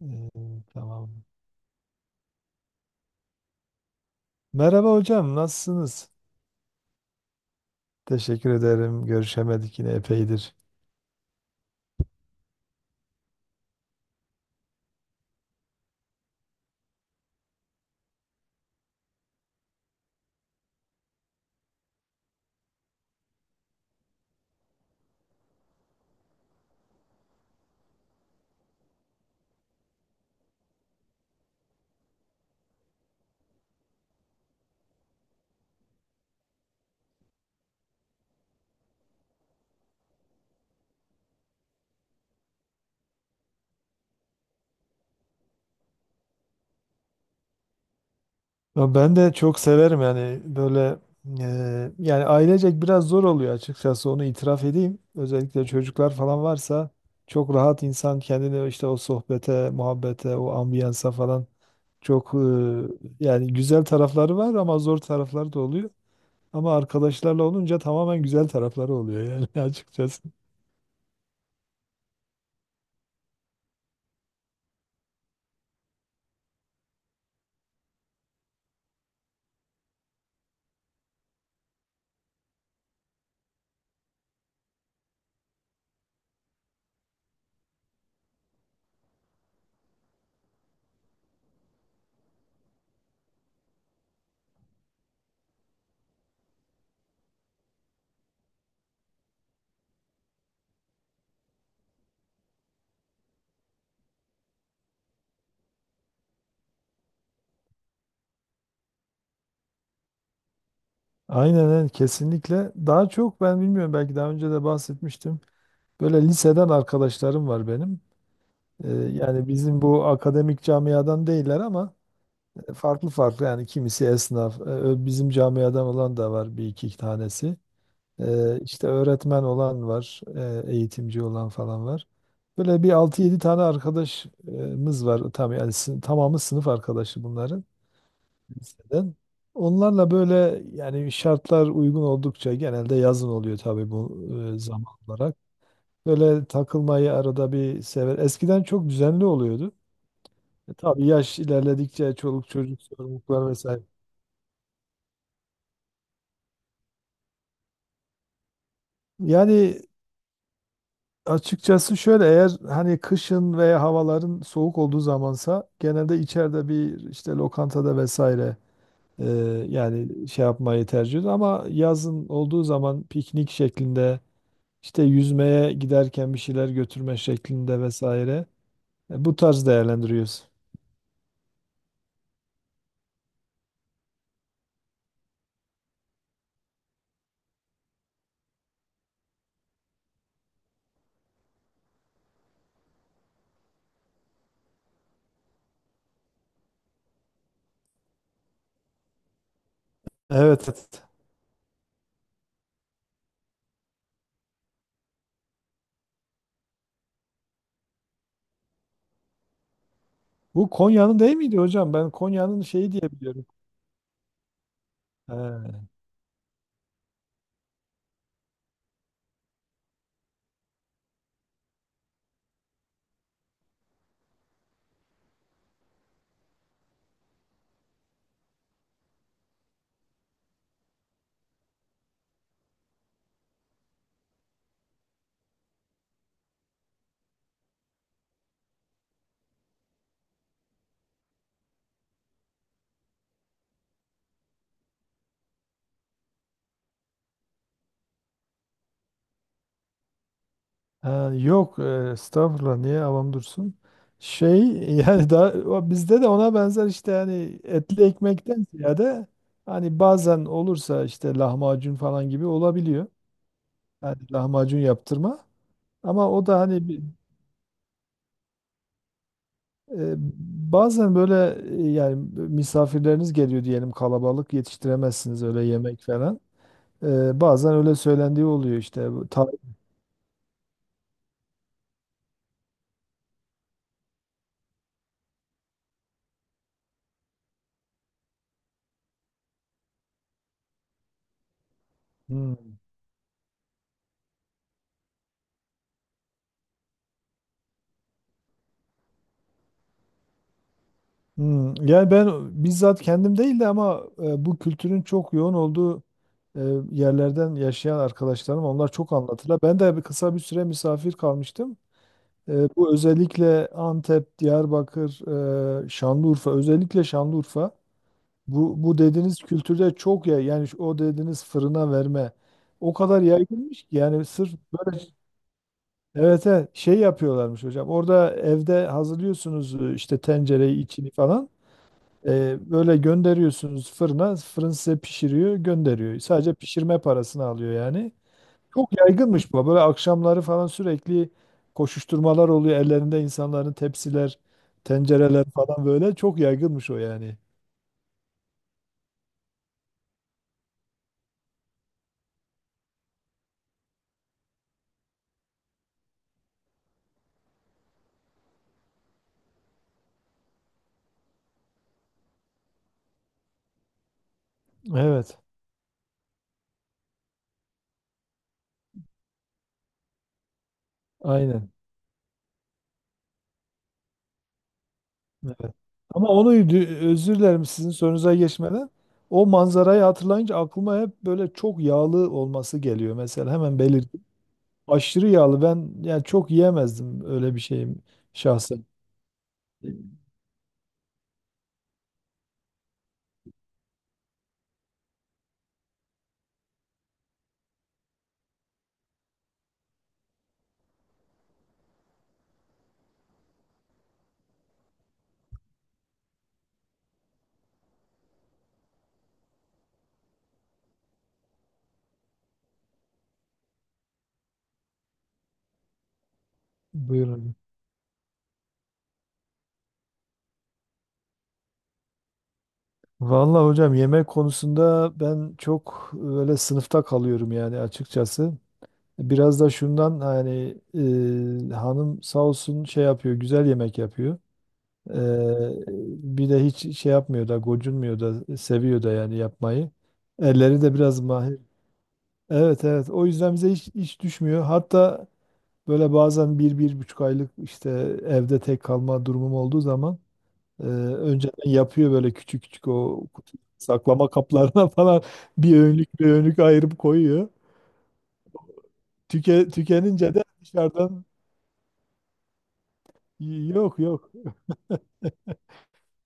Ee, tamam. Merhaba hocam, nasılsınız? Teşekkür ederim. Görüşemedik yine epeydir. Ya ben de çok severim yani böyle yani ailecek biraz zor oluyor açıkçası onu itiraf edeyim. Özellikle çocuklar falan varsa çok rahat insan kendini işte o sohbete, muhabbete, o ambiyansa falan. Çok yani güzel tarafları var ama zor tarafları da oluyor. Ama arkadaşlarla olunca tamamen güzel tarafları oluyor yani açıkçası. Aynen evet, kesinlikle. Daha çok ben bilmiyorum, belki daha önce de bahsetmiştim. Böyle liseden arkadaşlarım var benim. E, yani bizim bu akademik camiadan değiller ama farklı farklı, yani kimisi esnaf, bizim camiadan olan da var bir iki tanesi. İşte öğretmen olan var, eğitimci olan falan var. Böyle bir altı yedi tane arkadaşımız var. Tam, yani tamamı sınıf arkadaşı bunların, liseden. Onlarla böyle yani şartlar uygun oldukça, genelde yazın oluyor tabii bu zaman olarak. Böyle takılmayı arada bir sever. Eskiden çok düzenli oluyordu. E, tabii yaş ilerledikçe çoluk çocuk sorumluluklar vesaire. Yani açıkçası şöyle, eğer hani kışın veya havaların soğuk olduğu zamansa genelde içeride bir işte lokantada vesaire e, yani şey yapmayı tercih ediyoruz. Ama yazın olduğu zaman piknik şeklinde, işte yüzmeye giderken bir şeyler götürme şeklinde vesaire, bu tarz değerlendiriyoruz. Evet, evet. Bu Konya'nın değil miydi hocam? Ben Konya'nın şeyi diye biliyorum. Ha, yok, estağfurullah, niye avam dursun? Şey, yani da bizde de ona benzer, işte yani etli ekmekten ziyade hani bazen olursa işte lahmacun falan gibi olabiliyor. Yani lahmacun yaptırma, ama o da hani e, bazen böyle yani misafirleriniz geliyor diyelim, kalabalık, yetiştiremezsiniz öyle yemek falan. E, bazen öyle söylendiği oluyor işte. Bu tar-. Hmm. Hmm, yani ben bizzat kendim değil de, ama bu kültürün çok yoğun olduğu e, yerlerden, yaşayan arkadaşlarım onlar çok anlatırlar. Ben de bir, kısa bir süre misafir kalmıştım. E, bu özellikle Antep, Diyarbakır, Şanlıurfa, özellikle Şanlıurfa. Bu dediğiniz kültürde çok, ya yani o dediğiniz fırına verme o kadar yaygınmış ki yani, sırf böyle evet evet, şey yapıyorlarmış hocam. Orada evde hazırlıyorsunuz işte tencereyi, içini falan. Böyle gönderiyorsunuz fırına, fırın size pişiriyor, gönderiyor. Sadece pişirme parasını alıyor yani. Çok yaygınmış bu. Böyle akşamları falan sürekli koşuşturmalar oluyor. Ellerinde insanların tepsiler, tencereler falan böyle. Çok yaygınmış o yani. Evet, aynen. Evet. Ama onu özür dilerim, sizin sorunuza geçmeden. O manzarayı hatırlayınca aklıma hep böyle çok yağlı olması geliyor. Mesela hemen belirttim. Aşırı yağlı. Ben yani çok yiyemezdim öyle, bir şeyim şahsen. Buyurun. Vallahi hocam, yemek konusunda ben çok öyle sınıfta kalıyorum yani açıkçası. Biraz da şundan, hani hanım sağ olsun şey yapıyor, güzel yemek yapıyor. E, bir de hiç şey yapmıyor da, gocunmuyor da, seviyor da yani yapmayı. Elleri de biraz mahir. Evet evet. O yüzden bize hiç düşmüyor. Hatta böyle bazen bir, bir buçuk aylık işte evde tek kalma durumum olduğu zaman Ee, önceden yapıyor böyle küçük küçük o kutu saklama kaplarına falan, bir önlük bir önlük ayırıp koyuyor. Tükenince de dışarıdan yok yok.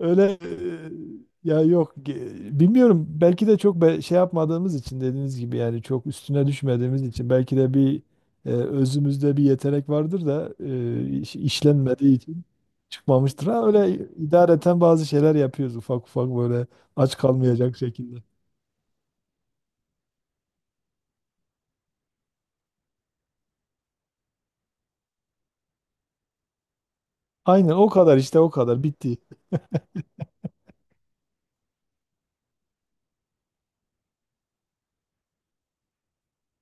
Öyle ya yok, bilmiyorum, belki de çok şey yapmadığımız için, dediğiniz gibi yani çok üstüne düşmediğimiz için, belki de bir özümüzde bir yetenek vardır da işlenmediği için çıkmamıştır. Ha, öyle idareten bazı şeyler yapıyoruz ufak ufak böyle, aç kalmayacak şekilde. Aynen, o kadar işte, o kadar bitti.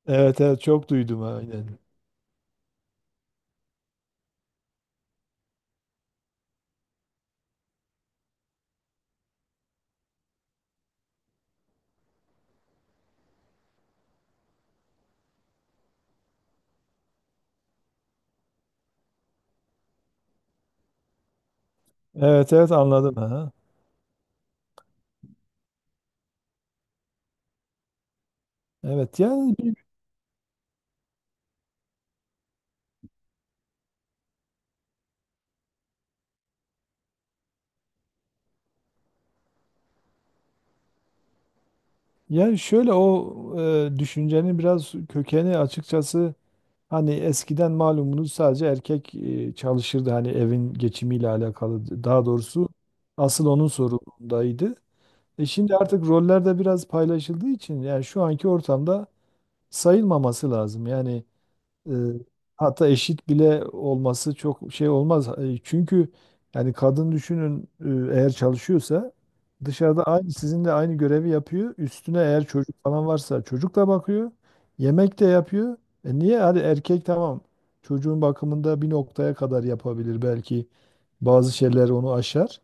Evet evet, çok duydum ha, aynen. Evet evet anladım ha. Evet yani yani şöyle o düşüncenin biraz kökeni açıkçası, hani eskiden malumunuz sadece erkek çalışırdı, hani evin geçimiyle alakalı, daha doğrusu asıl onun sorumluluğundaydı. E şimdi artık roller de biraz paylaşıldığı için yani şu anki ortamda sayılmaması lazım. Yani, e, hatta eşit bile olması çok şey olmaz. E, çünkü yani kadın düşünün, eğer çalışıyorsa dışarıda, aynı sizinle aynı görevi yapıyor. Üstüne eğer çocuk falan varsa çocuk da bakıyor. Yemek de yapıyor. E niye? Hadi erkek tamam. Çocuğun bakımında bir noktaya kadar yapabilir belki. Bazı şeyler onu aşar.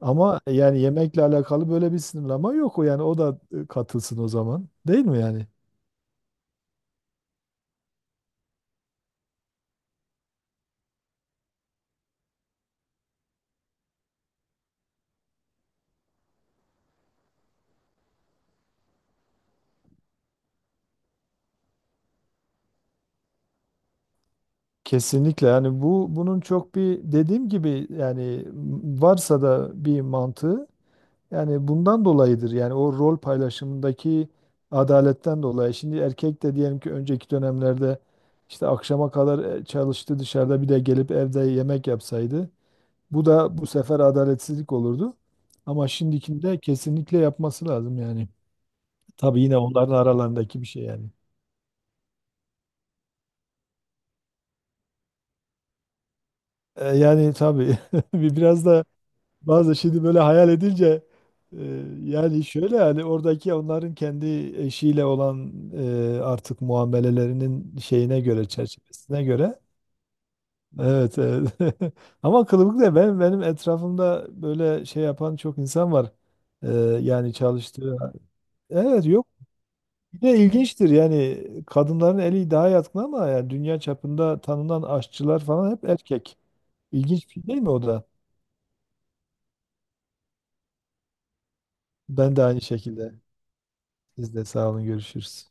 Ama yani yemekle alakalı böyle bir sınırlama yok. O yani o da katılsın o zaman. Değil mi yani? Kesinlikle, yani bu bunun çok bir dediğim gibi yani, varsa da bir mantığı, yani bundan dolayıdır. Yani o rol paylaşımındaki adaletten dolayı. Şimdi erkek de diyelim ki önceki dönemlerde işte akşama kadar çalıştı dışarıda, bir de gelip evde yemek yapsaydı, bu da bu sefer adaletsizlik olurdu. Ama şimdikinde kesinlikle yapması lazım yani. Tabii yine onların aralarındaki bir şey yani. E, yani tabii, biraz da bazı, şimdi böyle hayal edince e, yani şöyle, yani oradaki onların kendi eşiyle olan artık muamelelerinin şeyine göre, çerçevesine göre evet, evet. Ama kılıbıkla ben, benim etrafımda böyle şey yapan çok insan var. E, yani çalıştığı evet yok, bir de ilginçtir yani, kadınların eli daha yatkın ama yani dünya çapında tanınan aşçılar falan hep erkek. İlginç bir şey değil mi o da? Ben de aynı şekilde. Siz de sağ olun, görüşürüz.